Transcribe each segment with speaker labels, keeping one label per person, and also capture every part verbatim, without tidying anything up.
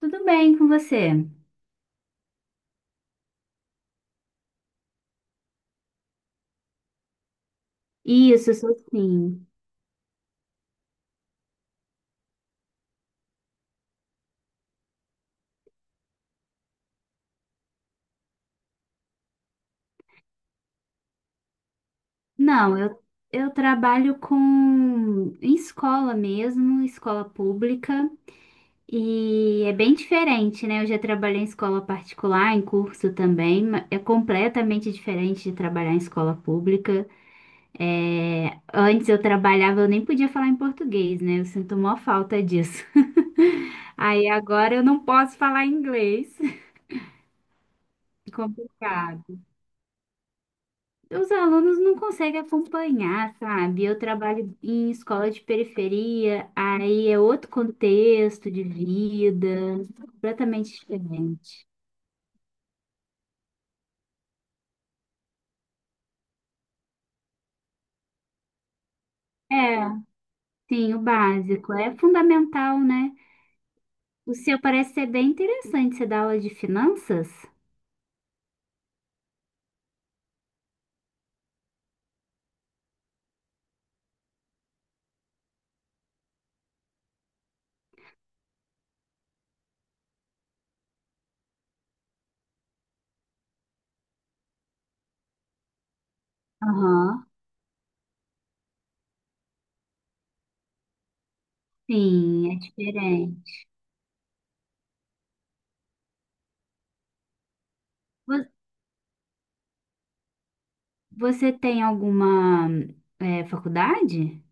Speaker 1: Tudo bem com você? Isso, eu sou sim. Não, eu, eu trabalho com em escola mesmo, escola pública, e é bem diferente, né? Eu já trabalhei em escola particular, em curso também, ma- é completamente diferente de trabalhar em escola pública. É, antes eu trabalhava, eu nem podia falar em português, né? Eu sinto maior falta disso. Aí agora eu não posso falar inglês. Complicado. Os alunos não conseguem acompanhar, sabe? Eu trabalho em escola de periferia, aí é outro contexto de vida, completamente diferente. É, sim, o básico é fundamental, né? O seu parece ser bem interessante, você dá aula de finanças? Aham, sim, é diferente. Vo- Você tem alguma, é, faculdade?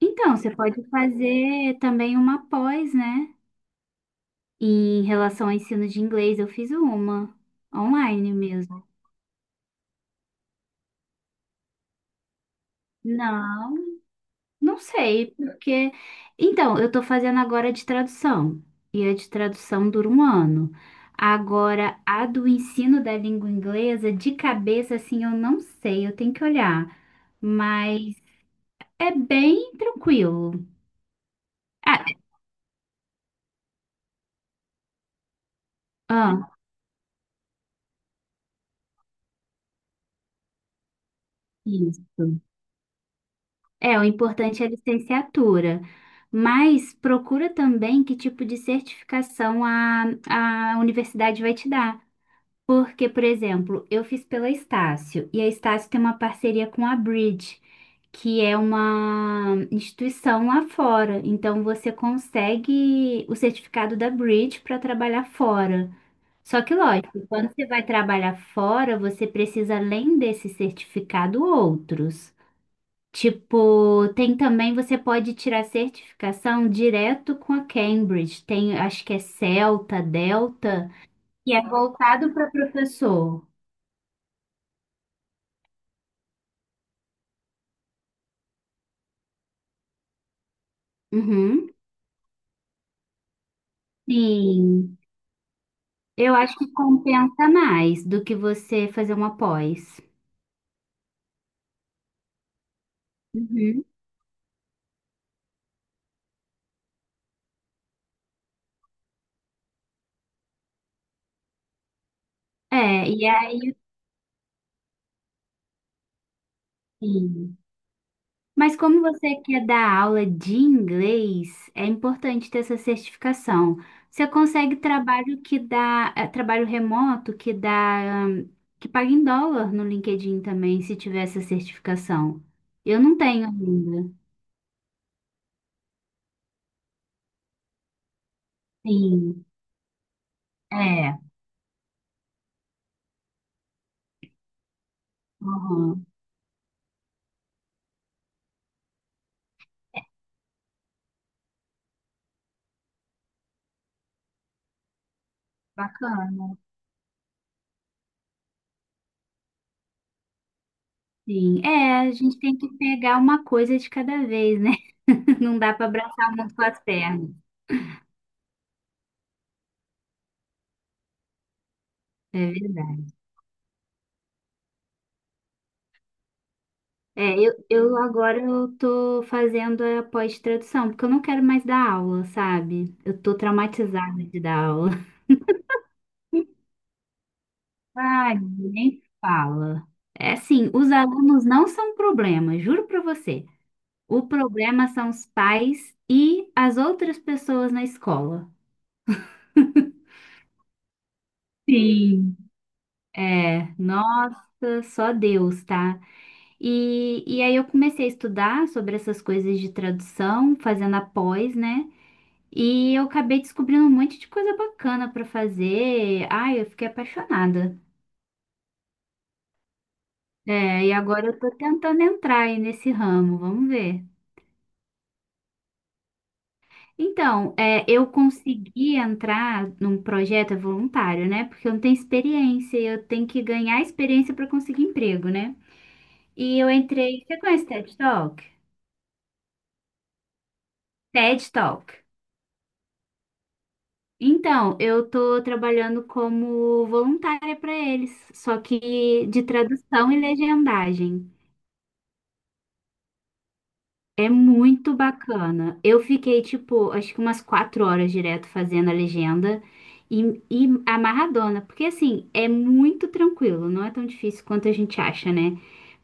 Speaker 1: Então, você pode fazer também uma pós, né? Em relação ao ensino de inglês, eu fiz uma online mesmo. Não, não sei, porque. Então, eu tô fazendo agora de tradução, e a de tradução dura um ano. Agora, a do ensino da língua inglesa, de cabeça, assim, eu não sei, eu tenho que olhar. Mas é bem tranquilo. Ah, ah, isso. É, o importante é a licenciatura, mas procura também que tipo de certificação a, a universidade vai te dar. Porque, por exemplo, eu fiz pela Estácio, e a Estácio tem uma parceria com a Bridge, que é uma instituição lá fora. Então, você consegue o certificado da Bridge para trabalhar fora. Só que, lógico, quando você vai trabalhar fora, você precisa, além desse certificado, outros. Tipo, tem também, você pode tirar certificação direto com a Cambridge. Tem, acho que é Celta, Delta, que é voltado para professor. Uhum. Sim, eu acho que compensa mais do que você fazer uma pós. Uhum. É, e aí, sim. Mas como você quer dar aula de inglês, é importante ter essa certificação. Você consegue trabalho que dá, eh, trabalho remoto que dá, hum, que paga em dólar no LinkedIn também, se tiver essa certificação. Eu não tenho ainda. Sim, é. Uhum. Bacana. Sim, é, a gente tem que pegar uma coisa de cada vez, né? Não dá para abraçar o mundo com as pernas. É verdade. É, eu, eu agora eu tô fazendo a pós-tradução, porque eu não quero mais dar aula, sabe? Eu tô traumatizada de dar aula. Ai, nem fala. É assim, os alunos não são um problema, juro pra você. O problema são os pais e as outras pessoas na escola. Sim, é, nossa, só Deus, tá? E, e aí eu comecei a estudar sobre essas coisas de tradução, fazendo a pós, né? E eu acabei descobrindo um monte de coisa bacana pra fazer. Ai, eu fiquei apaixonada. É, e agora eu tô tentando entrar aí nesse ramo, vamos ver. Então, é, eu consegui entrar num projeto é voluntário, né? Porque eu não tenho experiência, e eu tenho que ganhar experiência para conseguir emprego, né? E eu entrei. Você conhece T E D Talk? T E D Talk. Então, eu tô trabalhando como voluntária para eles, só que de tradução e legendagem. É muito bacana. Eu fiquei, tipo, acho que umas quatro horas direto fazendo a legenda e, e amarradona, porque assim, é muito tranquilo, não é tão difícil quanto a gente acha, né?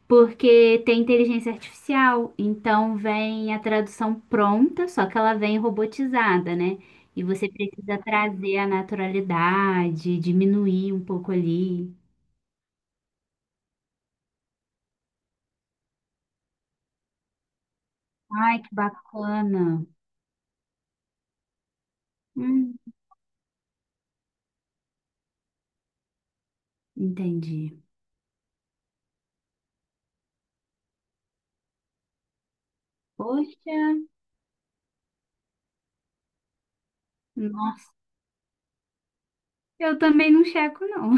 Speaker 1: Porque tem inteligência artificial, então vem a tradução pronta, só que ela vem robotizada, né? E você precisa trazer a naturalidade, diminuir um pouco ali. Ai, que bacana. Hum, entendi. Poxa, nossa. Eu também não checo, não.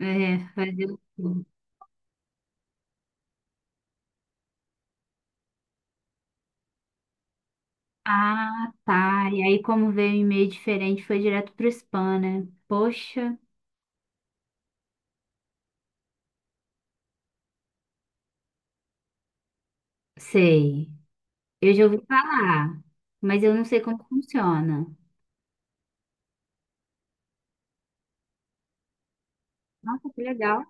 Speaker 1: É, fazer o quê? Ah, tá. E aí, como veio um e-mail diferente, foi direto pro spam, né? Poxa, sei. Eu já ouvi falar, mas eu não sei como funciona. Nossa, que legal.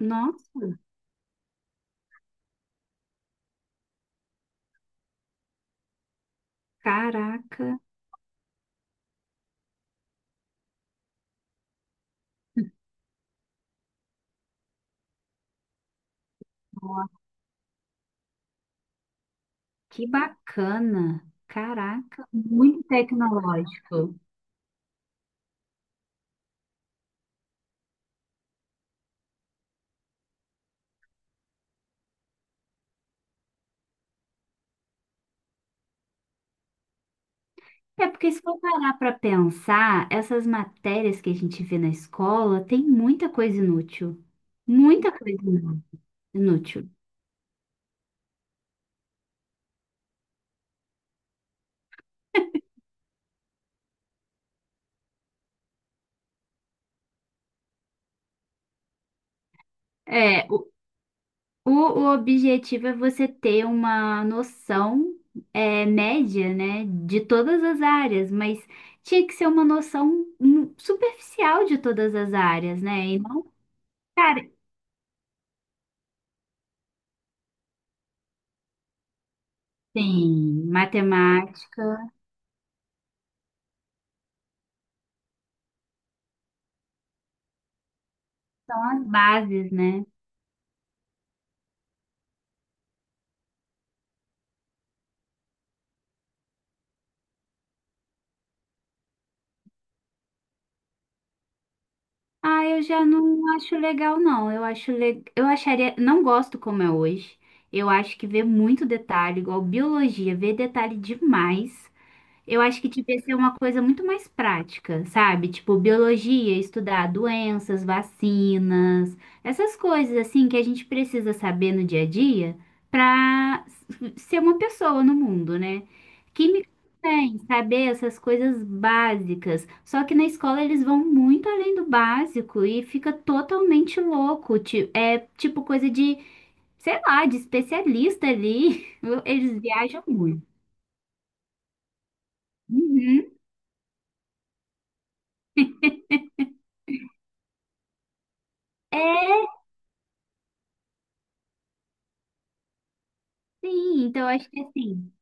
Speaker 1: Nossa, caraca. Que bacana! Caraca, muito tecnológico. É porque se for parar para pensar, essas matérias que a gente vê na escola tem muita coisa inútil. Muita coisa inútil. Inútil. É, o, o o objetivo é você ter uma noção é, média, né, de todas as áreas, mas tinha que ser uma noção hum, superficial de todas as áreas, né? E não, cara, sim, matemática são as bases, né? Ah, eu já não acho legal, não. Eu acho le... eu acharia, não gosto como é hoje. Eu acho que vê muito detalhe, igual biologia, vê detalhe demais. Eu acho que devia ser uma coisa muito mais prática, sabe? Tipo, biologia, estudar doenças, vacinas, essas coisas assim que a gente precisa saber no dia a dia para ser uma pessoa no mundo, né? Química também, saber essas coisas básicas. Só que na escola eles vão muito além do básico e fica totalmente louco. ti- É tipo coisa de, sei lá, de especialista ali. Eles viajam muito. Uhum. Sim, então eu acho que assim,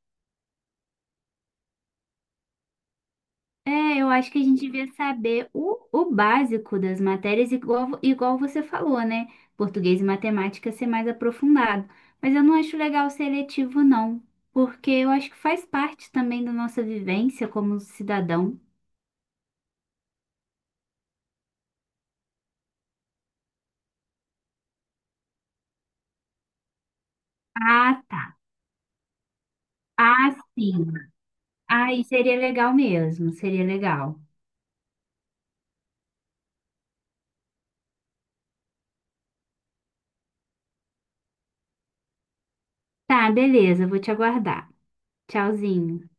Speaker 1: é, eu acho que a gente devia saber o, o básico das matérias, igual, vo- igual você falou, né? Português e matemática ser mais aprofundado. Mas eu não acho legal seletivo, não, porque eu acho que faz parte também da nossa vivência como cidadão. Ah, tá. Ah, sim. Aí seria legal mesmo, seria legal. Tá, beleza, vou te aguardar. Tchauzinho.